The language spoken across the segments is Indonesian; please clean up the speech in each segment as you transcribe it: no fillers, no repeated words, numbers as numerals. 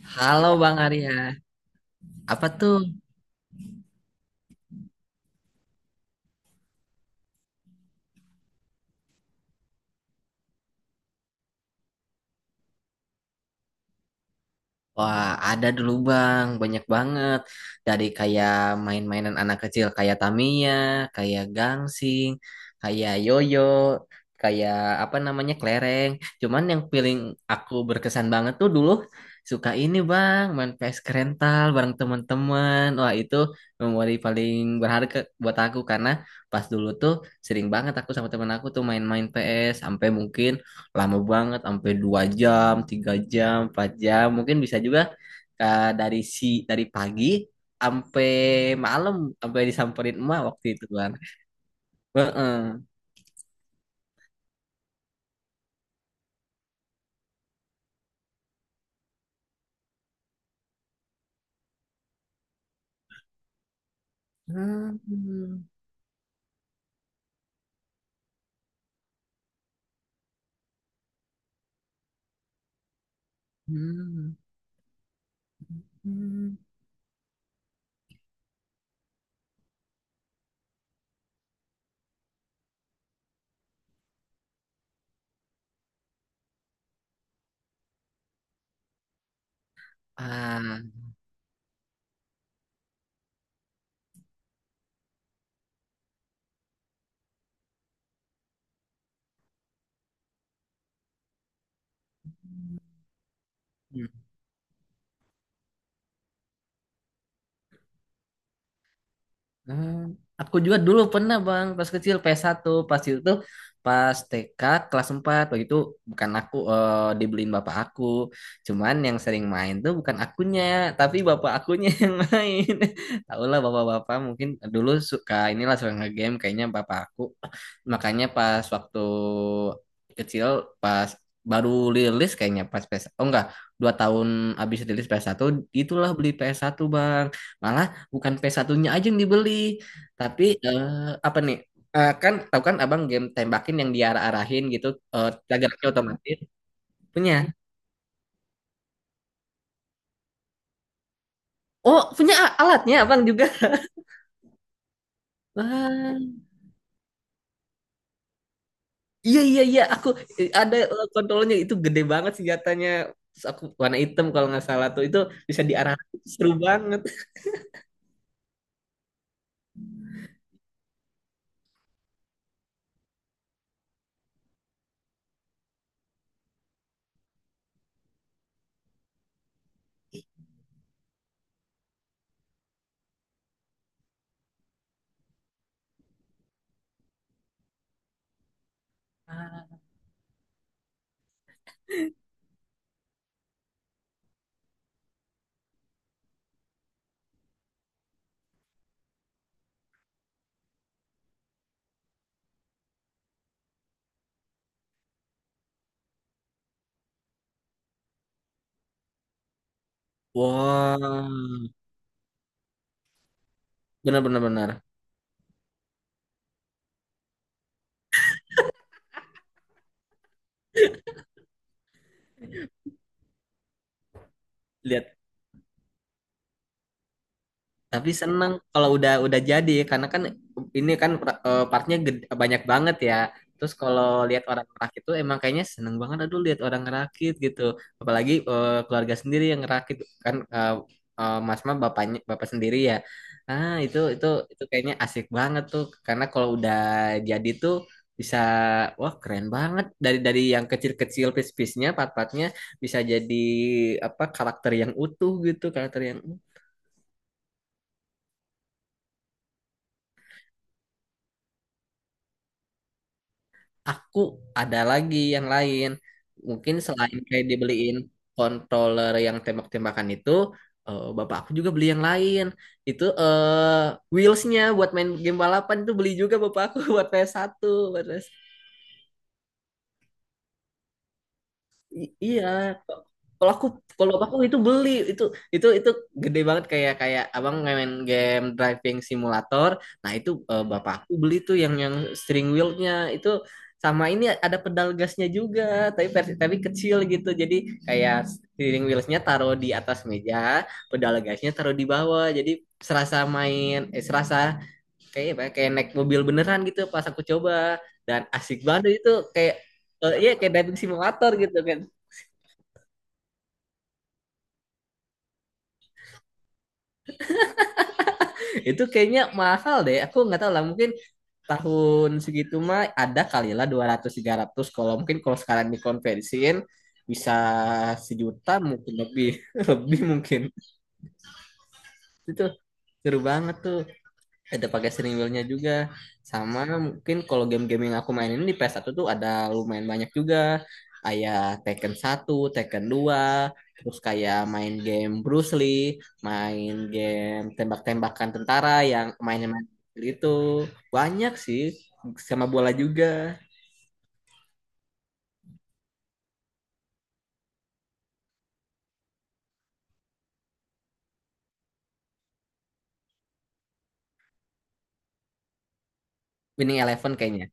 Halo Bang Arya, apa tuh? Wah, ada dulu Bang, banyak banget. Dari kayak main-mainan anak kecil kayak Tamiya, kayak gangsing, kayak yoyo, kayak apa namanya kelereng. Cuman yang paling aku berkesan banget tuh dulu suka ini Bang, main PS rental bareng teman-teman. Wah, itu memori paling berharga buat aku karena pas dulu tuh sering banget aku sama teman aku tuh main-main PS sampai mungkin lama banget sampai 2 jam 3 jam 4 jam mungkin bisa juga, eh, dari si dari pagi sampai malam sampai disamperin emak waktu itu kan. Heeh. Hmm, hmm, hmm. Ah, hmm. Hmm, aku juga dulu pernah bang pas kecil ps satu, pas itu tuh pas TK kelas 4 waktu itu. Bukan aku, dibeliin bapak aku. Cuman yang sering main tuh bukan akunya, tapi bapak akunya yang main. Tau lah bapak-bapak mungkin dulu suka nge-game kayaknya bapak aku. Makanya pas waktu kecil, pas baru rilis kayaknya pas PS, oh enggak, 2 tahun abis rilis ps satu, itulah beli ps satu bang. Malah bukan p satunya aja yang dibeli, tapi apa nih? Eh, kan tahu kan Abang game tembakin yang diarah-arahin gitu, eh jaraknya otomatis, punya. Oh, punya alatnya Abang juga. Wah, iya iya iya, aku ada, kontrolnya itu gede banget senjatanya. Terus aku warna hitam kalau nggak salah tuh itu bisa diarah, seru banget. Wow, benar benar benar. Lihat, tapi seneng kalau udah jadi karena kan ini kan partnya banyak banget ya. Terus kalau lihat orang ngerakit tuh emang kayaknya seneng banget, aduh lihat orang ngerakit gitu. Apalagi keluarga sendiri yang ngerakit kan, Mas mah bapaknya bapak sendiri ya. Ah itu kayaknya asik banget tuh karena kalau udah jadi tuh bisa, wah keren banget, dari yang kecil-kecil piece-piece-nya part-partnya bisa jadi apa karakter yang utuh gitu, karakter yang aku ada lagi yang lain. Mungkin selain kayak dibeliin controller yang tembak-tembakan itu, bapak aku juga beli yang lain. Itu wheelsnya buat main game balapan itu beli juga bapak aku buat PS1, buat PS1. Iya kalau aku, itu beli itu itu gede banget kayak kayak abang main game driving simulator. Nah itu bapak aku beli tuh yang steering wheelnya itu sama ini ada pedal gasnya juga, tapi kecil gitu jadi kayak steering wheelsnya taruh di atas meja, pedal gasnya taruh di bawah jadi serasa kayak apa ya, kayak naik mobil beneran gitu pas aku coba, dan asik banget itu kayak, iya kayak driving simulator gitu kan. Itu kayaknya mahal deh. Aku nggak tahu lah. Mungkin tahun segitu mah ada kali lah 200 ratus, kalau mungkin kalau sekarang dikonversiin bisa sejuta mungkin lebih lebih mungkin. Itu seru banget tuh ada pakai steering wheelnya juga, sama mungkin kalau game-game yang aku mainin di ps satu tuh ada lumayan banyak juga kayak Tekken satu, Tekken dua, terus kayak main game Bruce Lee, main game tembak-tembakan tentara yang mainnya main itu banyak sih, sama bola juga. Winning Eleven kayaknya.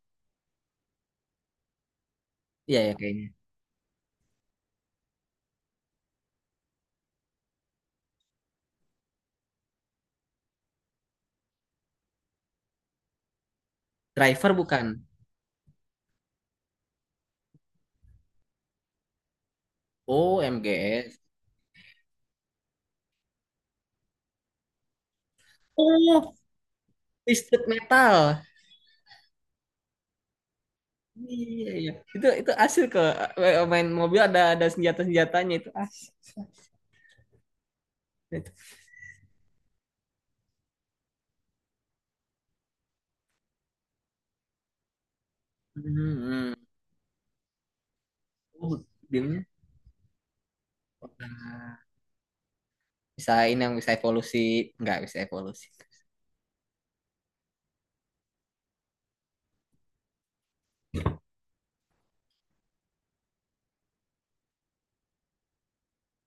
Iya ya kayaknya. Driver bukan? Oh, MGS. Oh, Twisted Metal. Iya, iya. Itu main mobil ada senjata-senjatanya itu asik. Itu. Hmm. Oh, gamenya. Nah, bisa ini yang bisa evolusi, nggak bisa evolusi.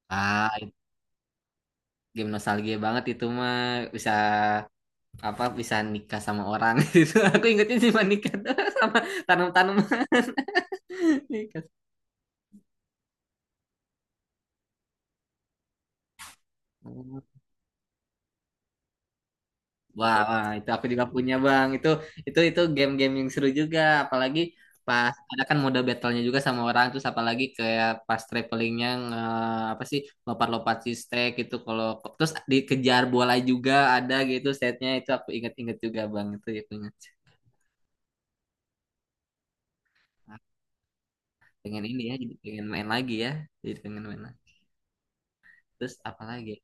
Ah, game nostalgia banget itu mah, bisa apa bisa nikah sama orang itu. Aku ingetnya cuma nikah sama tanam-tanaman nikah. Wah, wah, itu aku juga punya bang. Itu game-game yang seru juga. Apalagi pas ada kan mode battlenya juga sama orang. Terus apalagi kayak pas travelingnya apa sih, lompat-lompat si stack gitu. Kalau terus dikejar bola juga ada gitu setnya. Itu aku inget-inget juga bang. Itu ya punya. Ah, pengen ini ya, jadi pengen main lagi ya. Jadi pengen main lagi. Terus apa lagi?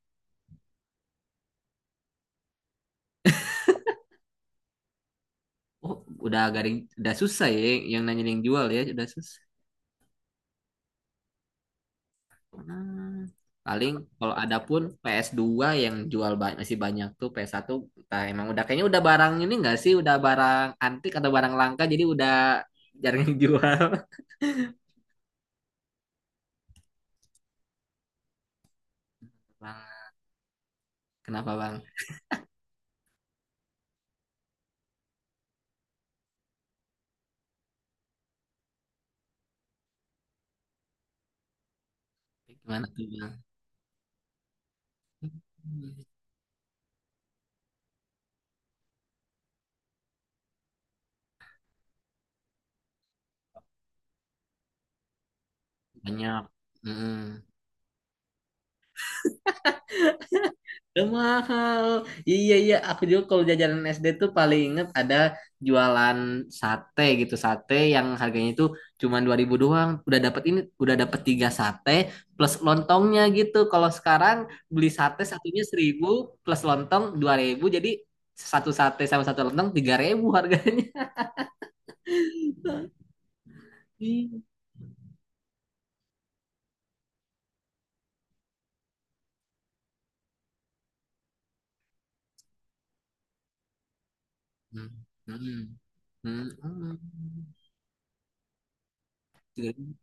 Oh, udah garing, udah susah ya yang nanya yang jual ya, udah susah. Hmm. Paling kalau ada pun ps dua yang jual masih banyak tuh ps satu, entah emang udah kayaknya udah barang ini enggak sih, udah barang antik atau barang langka jadi udah jarang yang jual. Bang, kenapa Bang? Gimana tuh Bang? Banyak. Mm-mm. Udah mahal. Iya iya, aku juga kalau jajanan SD tuh paling inget ada jualan sate gitu. Sate yang harganya itu cuma 2.000 doang. Udah dapat ini, udah dapat tiga sate plus lontongnya gitu. Kalau sekarang beli sate satunya 1.000 plus lontong 2.000 jadi satu sate sama satu lontong 3.000 harganya. Iya. Hmm. Hmm. Hmm. Hmm. 3.000.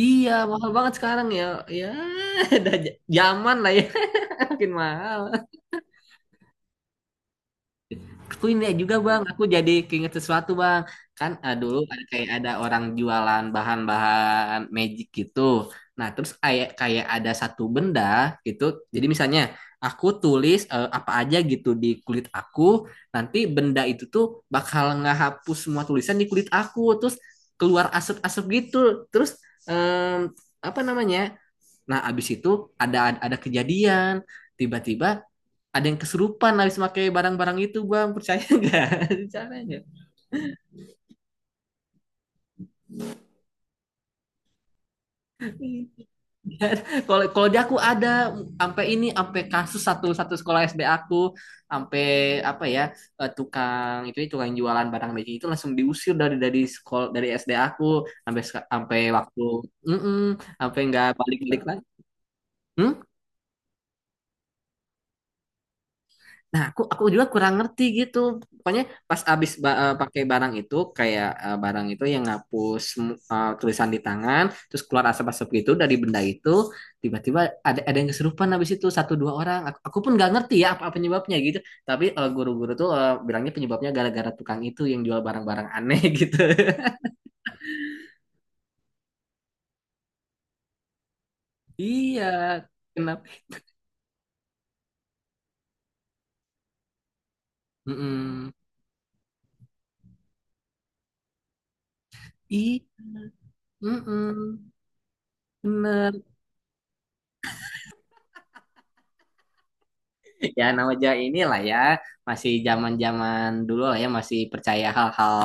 Iya, mahal banget sekarang ya. Ya, udah zaman lah ya, makin mahal. Aku ini juga bang, aku jadi keinget sesuatu bang. Kan dulu ada kayak ada orang jualan bahan-bahan magic gitu. Nah terus kayak kayak ada satu benda gitu. Jadi misalnya aku tulis apa aja gitu di kulit aku, nanti benda itu tuh bakal ngehapus semua tulisan di kulit aku. Terus keluar asap-asap gitu. Terus em, apa namanya? Nah abis itu ada ada kejadian. Tiba-tiba ada yang kesurupan habis pakai barang-barang itu bang, percaya nggak caranya? Kalau kalau di aku ada sampai ini, sampai kasus satu satu sekolah SD aku, sampai apa ya, tukang itu tukang jualan barang magic itu langsung diusir dari sekolah dari SD aku, sampai waktu mm sampai nggak balik-balik lagi. Hmm? Nah, aku juga kurang ngerti gitu. Pokoknya pas abis pakai barang itu kayak barang itu yang ngapus tulisan di tangan, terus keluar asap-asap gitu dari benda itu, tiba-tiba ada yang kesurupan abis itu satu dua orang. Aku pun nggak ngerti ya apa penyebabnya gitu. Tapi guru-guru tuh bilangnya penyebabnya gara-gara tukang itu yang jual barang-barang aneh gitu. Iya, kenapa? Mm-mm. I, mm-mm. Bener. Ya namanya inilah ya, masih zaman-zaman dulu lah ya, masih percaya hal-hal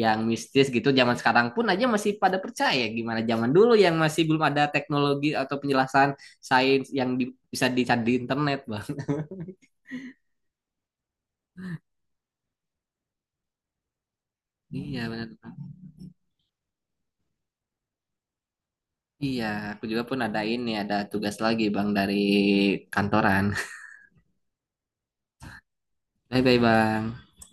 yang mistis gitu. Zaman sekarang pun aja masih pada percaya, gimana zaman dulu yang masih belum ada teknologi atau penjelasan sains yang bisa dicari di internet bang. Iya benar Bang. Iya aku juga pun ada tugas lagi bang dari kantoran. Bye bye bang.